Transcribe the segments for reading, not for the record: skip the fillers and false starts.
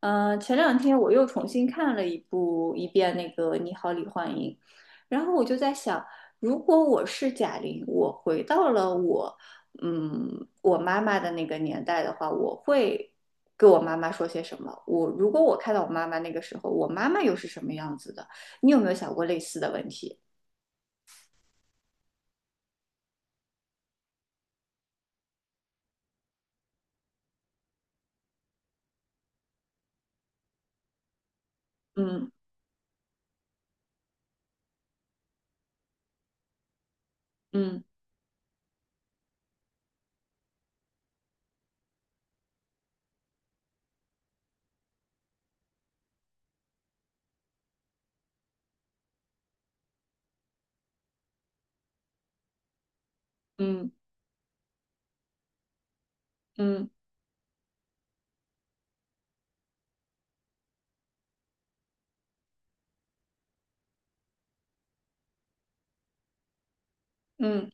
前两天我又重新看了一遍那个《你好，李焕英》，然后我就在想，如果我是贾玲，我回到了我，嗯，我妈妈的那个年代的话，我会跟我妈妈说些什么？如果我看到我妈妈那个时候，我妈妈又是什么样子的？你有没有想过类似的问题？嗯嗯嗯嗯嗯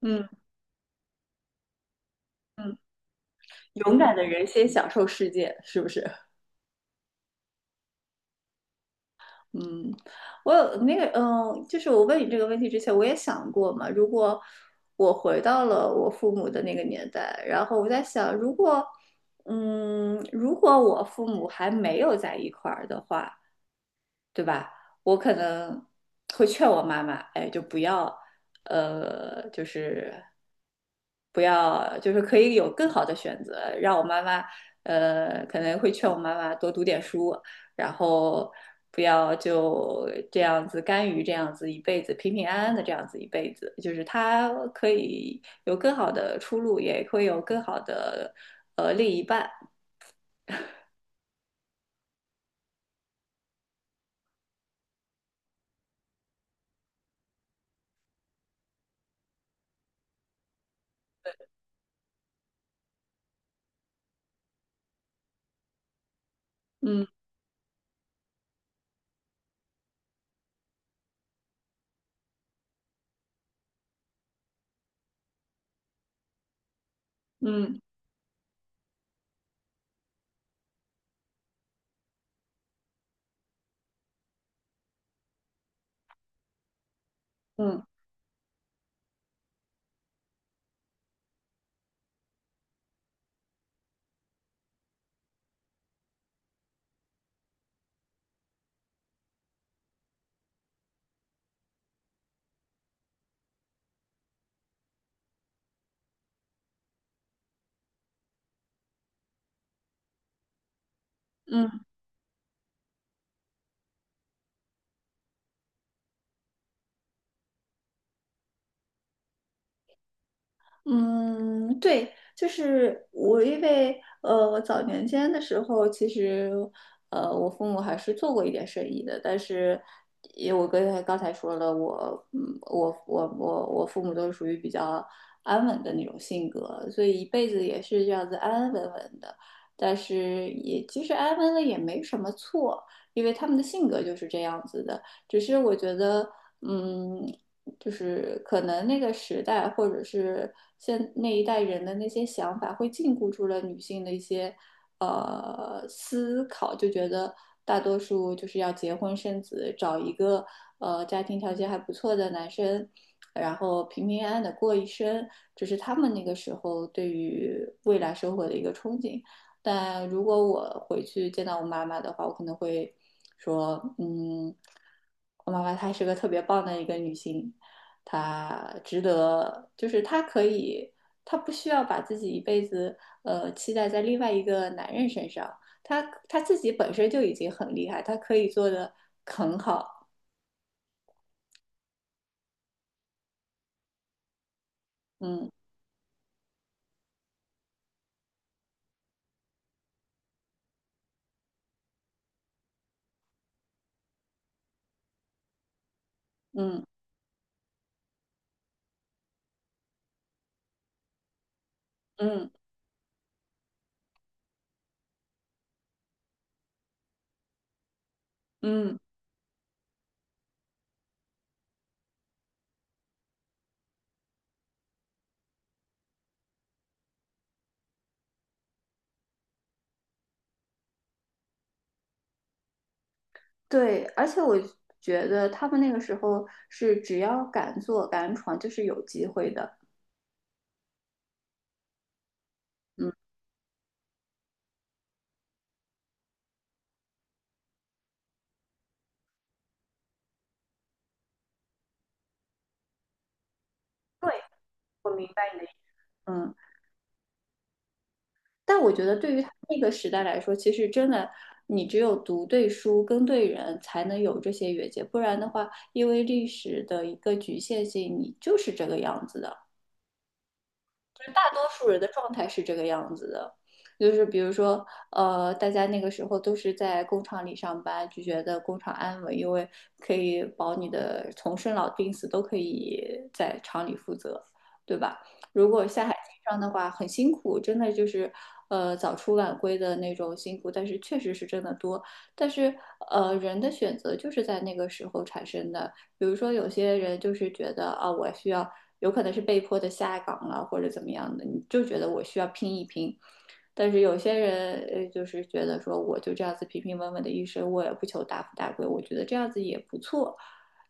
嗯嗯嗯，勇敢的人先享受世界，是不是？嗯，我有那个，就是我问你这个问题之前，我也想过嘛。如果我回到了我父母的那个年代，然后我在想，如果我父母还没有在一块儿的话，对吧？我可能会劝我妈妈，哎，就不要，呃，就是不要，可以有更好的选择。让我妈妈，可能会劝我妈妈多读点书，然后不要就这样子甘于这样子一辈子，平平安安的这样子一辈子。就是她可以有更好的出路，也会有更好的另一半。嗯嗯嗯嗯。嗯，对，就是我，因为我早年间的时候，其实我父母还是做过一点生意的，但是也我跟刚才说了，我嗯，我我我我父母都是属于比较安稳的那种性格，所以一辈子也是这样子安安稳稳的。但是也其实安稳了也没什么错，因为他们的性格就是这样子的，只是我觉得。嗯，就是可能那个时代或者是那一代人的那些想法，会禁锢住了女性的一些思考，就觉得大多数就是要结婚生子，找一个家庭条件还不错的男生，然后平平安安的过一生，这是他们那个时候对于未来生活的一个憧憬。但如果我回去见到我妈妈的话，我可能会说，嗯，我妈妈她是个特别棒的一个女性，他值得，就是他可以，他不需要把自己一辈子期待在另外一个男人身上，他自己本身就已经很厉害，他可以做的很好，嗯嗯嗯嗯，对，而且我觉得他们那个时候是只要敢做敢闯，就是有机会的，嗯，对，我明白你的意思，嗯。但我觉得对于他那个时代来说，其实真的，你只有读对书、跟对人，才能有这些越界，不然的话，因为历史的一个局限性，你就是这个样子的。大多数人的状态是这个样子的，就是比如说，大家那个时候都是在工厂里上班，就觉得工厂安稳，因为可以保你的从生老病死都可以在厂里负责，对吧？如果下海经商的话，很辛苦，真的就是，早出晚归的那种辛苦，但是确实是真的多。但是，人的选择就是在那个时候产生的。比如说，有些人就是觉得啊，我需要有可能是被迫的下岗了或者怎么样的，你就觉得我需要拼一拼。但是有些人就是觉得说我就这样子平平稳稳的一生，我也不求大富大贵，我觉得这样子也不错。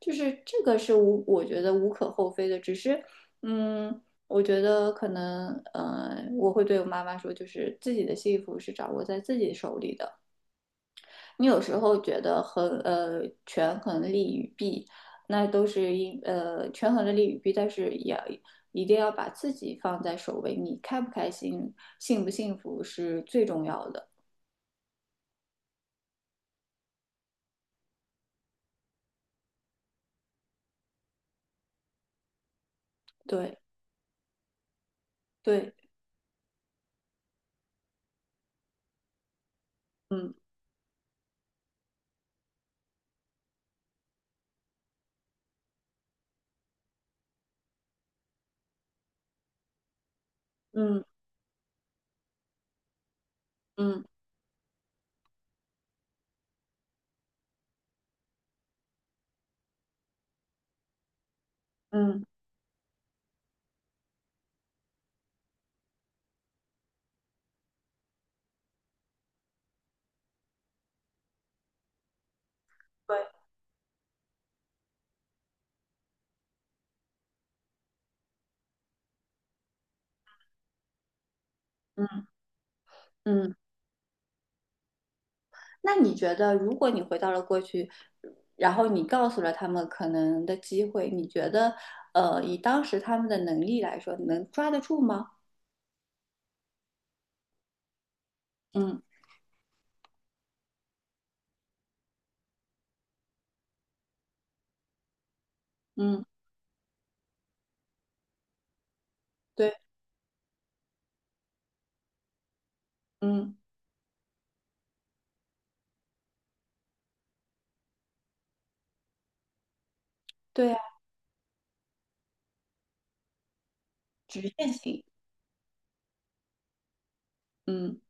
就是这个是无，我觉得无可厚非的，只是嗯。我觉得可能，我会对我妈妈说，就是自己的幸福是掌握在自己手里的，你有时候觉得权衡利与弊，那都是权衡了利与弊，但是也一定要把自己放在首位。你开不开心、幸不幸福是最重要的。对对，嗯嗯嗯嗯，对，嗯嗯。那你觉得，如果你回到了过去，然后你告诉了他们可能的机会，你觉得以当时他们的能力来说，能抓得住吗？嗯嗯，对，嗯。对呀。局限性。嗯，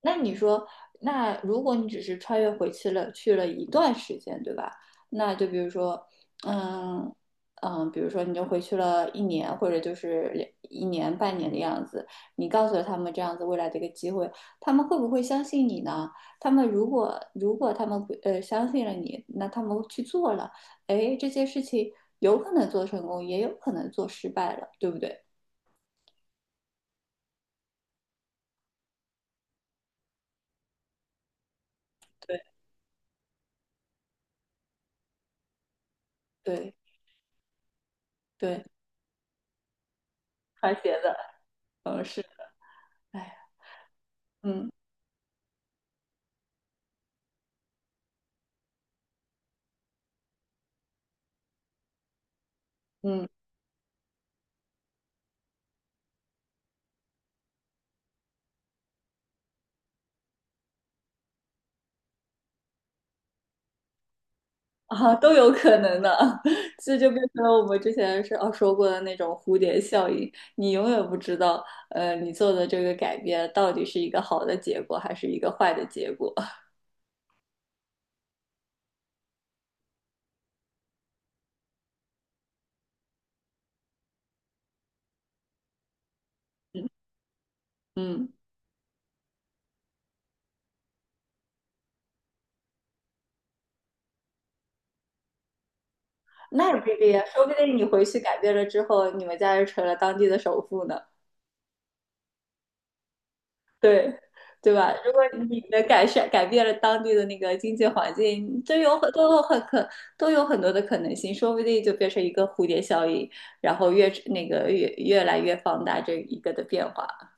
那你说，那如果你只是穿越回去了，去了一段时间，对吧？那就比如说，嗯比如说你就回去了一年，或者就是一年半年的样子，你告诉了他们这样子未来的一个机会，他们会不会相信你呢？他们如果他们不相信了你，那他们去做了，哎，这件事情有可能做成功，也有可能做失败了，对不对？对，对对，穿鞋的。嗯，是。哎，嗯嗯啊，都有可能的，这就变成了我们之前说过的那种蝴蝶效应，你永远不知道，你做的这个改变到底是一个好的结果还是一个坏的结果。嗯，那也不一定呀，说不定你回去改变了之后，你们家就成了当地的首富呢。对，对吧？如果你的改变了当地的那个经济环境，这有很都有很可都有很多的可能性，说不定就变成一个蝴蝶效应，然后越来越放大这一个的变化。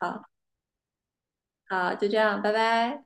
好，好，就这样，拜拜。